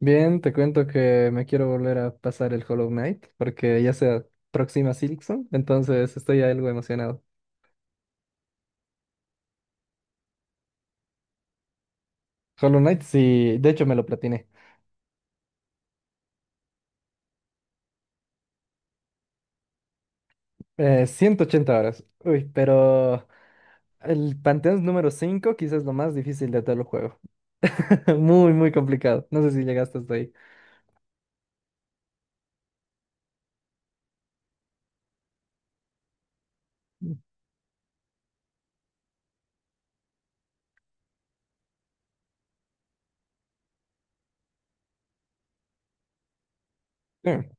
Bien, te cuento que me quiero volver a pasar el Hollow Knight porque ya se aproxima Silksong, entonces estoy algo emocionado. Hollow Knight, sí, de hecho me lo platiné. 180 horas. Uy, pero el Panteón número 5 quizás es lo más difícil de todo el juego. Muy, muy complicado. No sé si llegaste hasta ahí. Sí.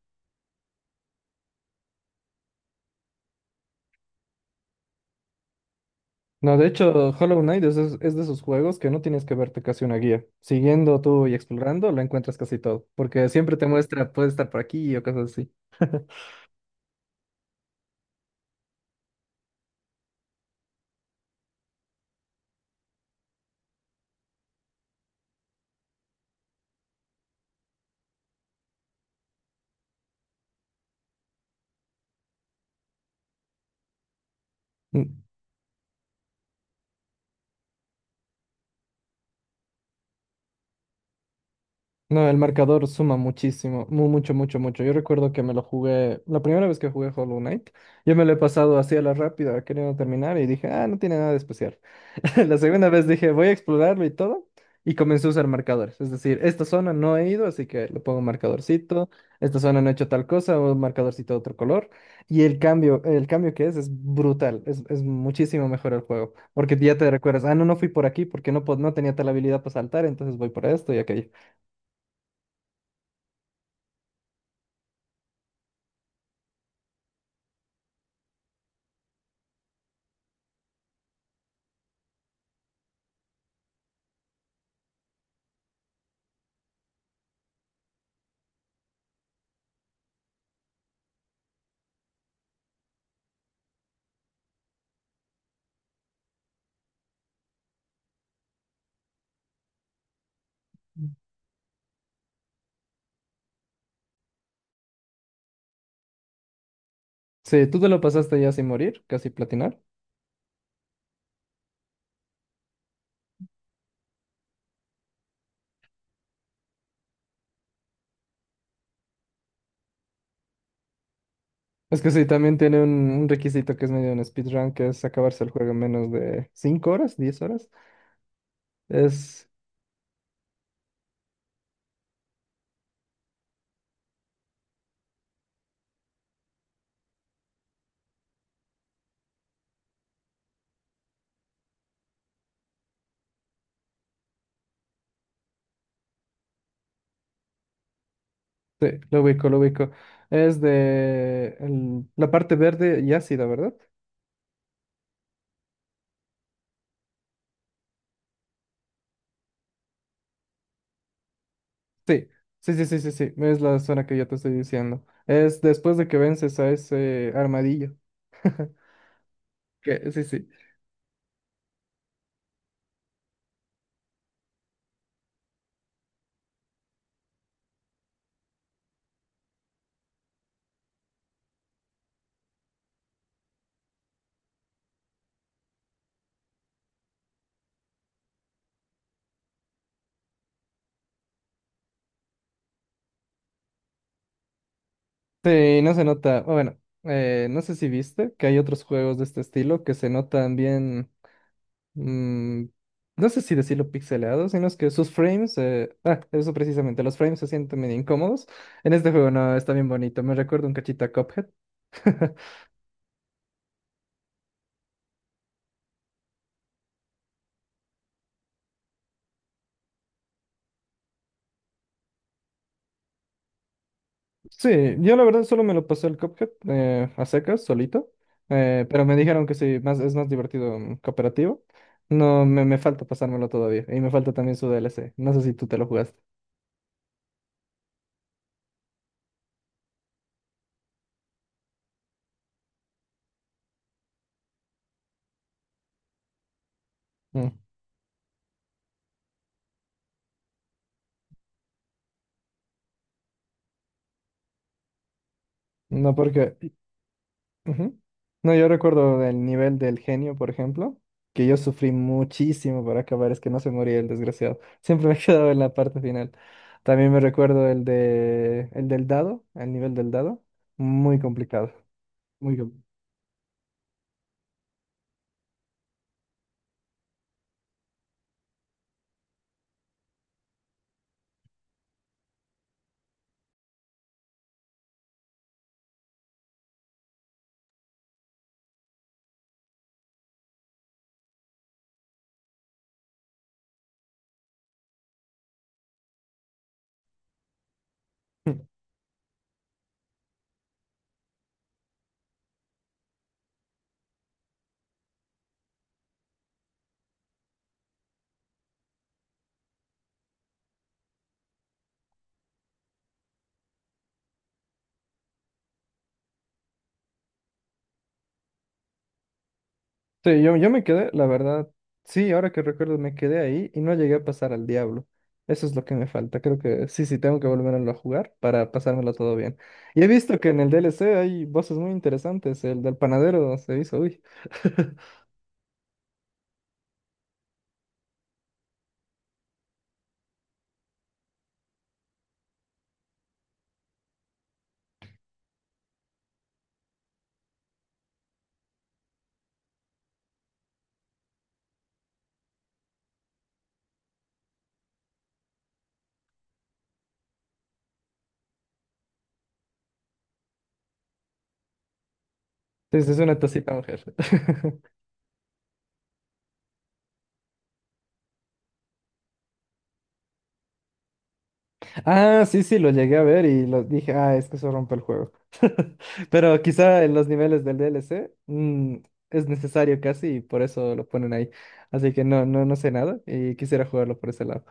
No, de hecho, Hollow Knight es de esos juegos que no tienes que verte casi una guía. Siguiendo tú y explorando, lo encuentras casi todo, porque siempre te muestra, puede estar por aquí o cosas así. Mm. No, el marcador suma muchísimo, mucho, mucho, mucho. Yo recuerdo que me lo jugué, la primera vez que jugué Hollow Knight, yo me lo he pasado así a la rápida, queriendo terminar, y dije, ah, no tiene nada de especial. La segunda vez dije, voy a explorarlo y todo, y comencé a usar marcadores. Es decir, esta zona no he ido, así que le pongo un marcadorcito, esta zona no he hecho tal cosa, un marcadorcito de otro color, y el cambio que es brutal, es muchísimo mejor el juego, porque ya te recuerdas, ah, no, no fui por aquí porque no, no tenía tal habilidad para saltar, entonces voy por esto y aquello. Sí, tú te lo pasaste ya sin morir, casi platinar. Es que sí, también tiene un requisito que es medio un speedrun, que es acabarse el juego en menos de 5 horas, 10 horas. Es, sí, lo ubico, lo ubico. Es de la parte verde y ácida, ¿verdad? Sí, sí, sí, sí, sí, sí, es la zona que yo te estoy diciendo. Es después de que vences a ese armadillo. Que, sí, sí. Sí, no se nota. Bueno, no sé si viste que hay otros juegos de este estilo que se notan bien. mm, no sé si decirlo pixelado, sino es que sus frames, eso precisamente, los frames se sienten medio incómodos. En este juego no, está bien bonito, me recuerda un cachito a Cuphead. Sí, yo la verdad solo me lo pasé el Cuphead a secas, solito, pero me dijeron que sí, más, es más divertido cooperativo. No, me falta pasármelo todavía, y me falta también su DLC, no sé si tú te lo jugaste. Mm. No, porque... Ujú. No, yo recuerdo del nivel del genio, por ejemplo, que yo sufrí muchísimo para acabar, es que no se moría el desgraciado. Siempre me he quedado en la parte final. También me recuerdo el de el del dado, el nivel del dado, muy complicado. Muy bien. Sí, yo me quedé, la verdad, sí, ahora que recuerdo me quedé ahí y no llegué a pasar al diablo. Eso es lo que me falta. Creo que sí, sí, tengo que volverlo a jugar para pasármelo todo bien. Y he visto que en el DLC hay voces muy interesantes. El del panadero se hizo, uy. Entonces es una tacita mujer. Ah, sí, sí, lo llegué a ver y lo dije, ah, es que eso rompe el juego. Pero quizá en los niveles del DLC es necesario casi y por eso lo ponen ahí. Así que no, no, no sé nada y quisiera jugarlo por ese lado.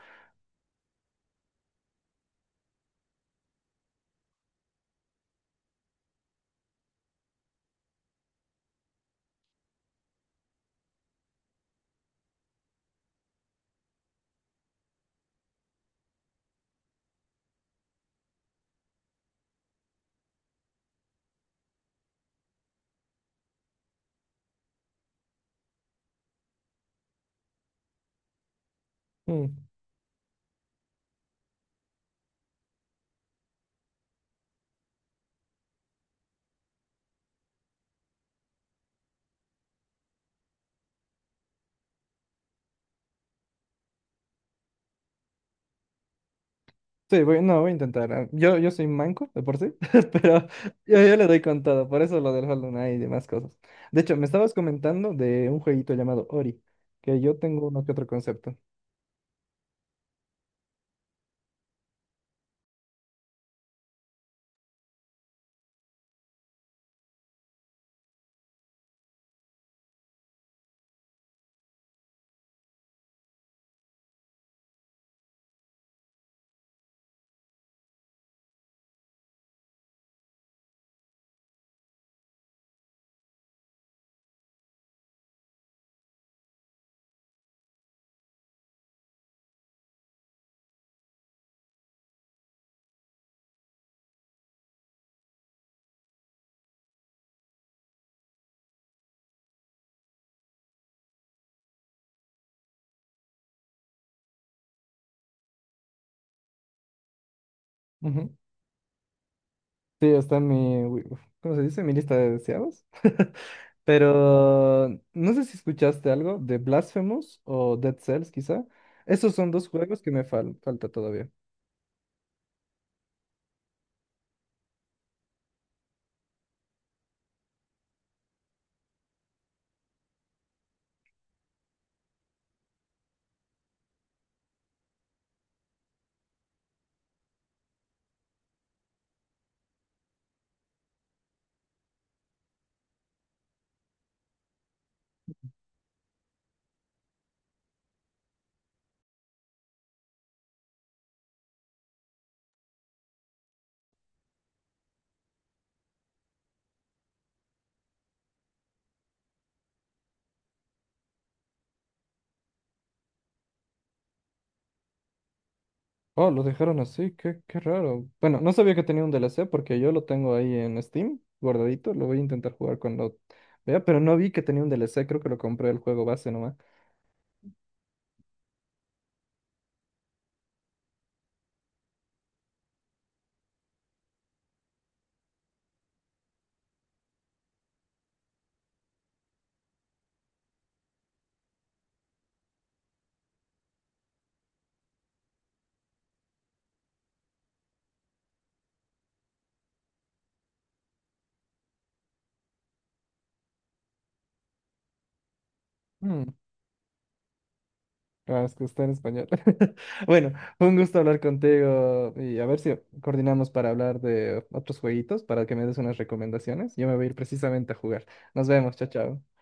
Mm. Sí, voy, no, voy a intentar. Yo soy manco de por sí, pero yo le doy con todo. Por eso lo del Hollow Knight y demás cosas. De hecho, me estabas comentando de un jueguito llamado Ori, que yo tengo uno que otro concepto. Sí, está en mi, wi- ¿cómo se dice? Mi lista de deseados. Pero no sé si escuchaste algo de Blasphemous o Dead Cells, quizá. Esos son dos juegos que me falta todavía. Oh, lo dejaron así, qué, qué raro. Bueno, no sabía que tenía un DLC porque yo lo tengo ahí en Steam, guardadito. Lo voy a intentar jugar cuando vea, pero no vi que tenía un DLC, creo que lo compré el juego base nomás. Mm. Ah, es que está en español. Bueno, fue un gusto hablar contigo y a ver si coordinamos para hablar de otros jueguitos, para que me des unas recomendaciones. Yo me voy a ir precisamente a jugar. Nos vemos, chao, chao.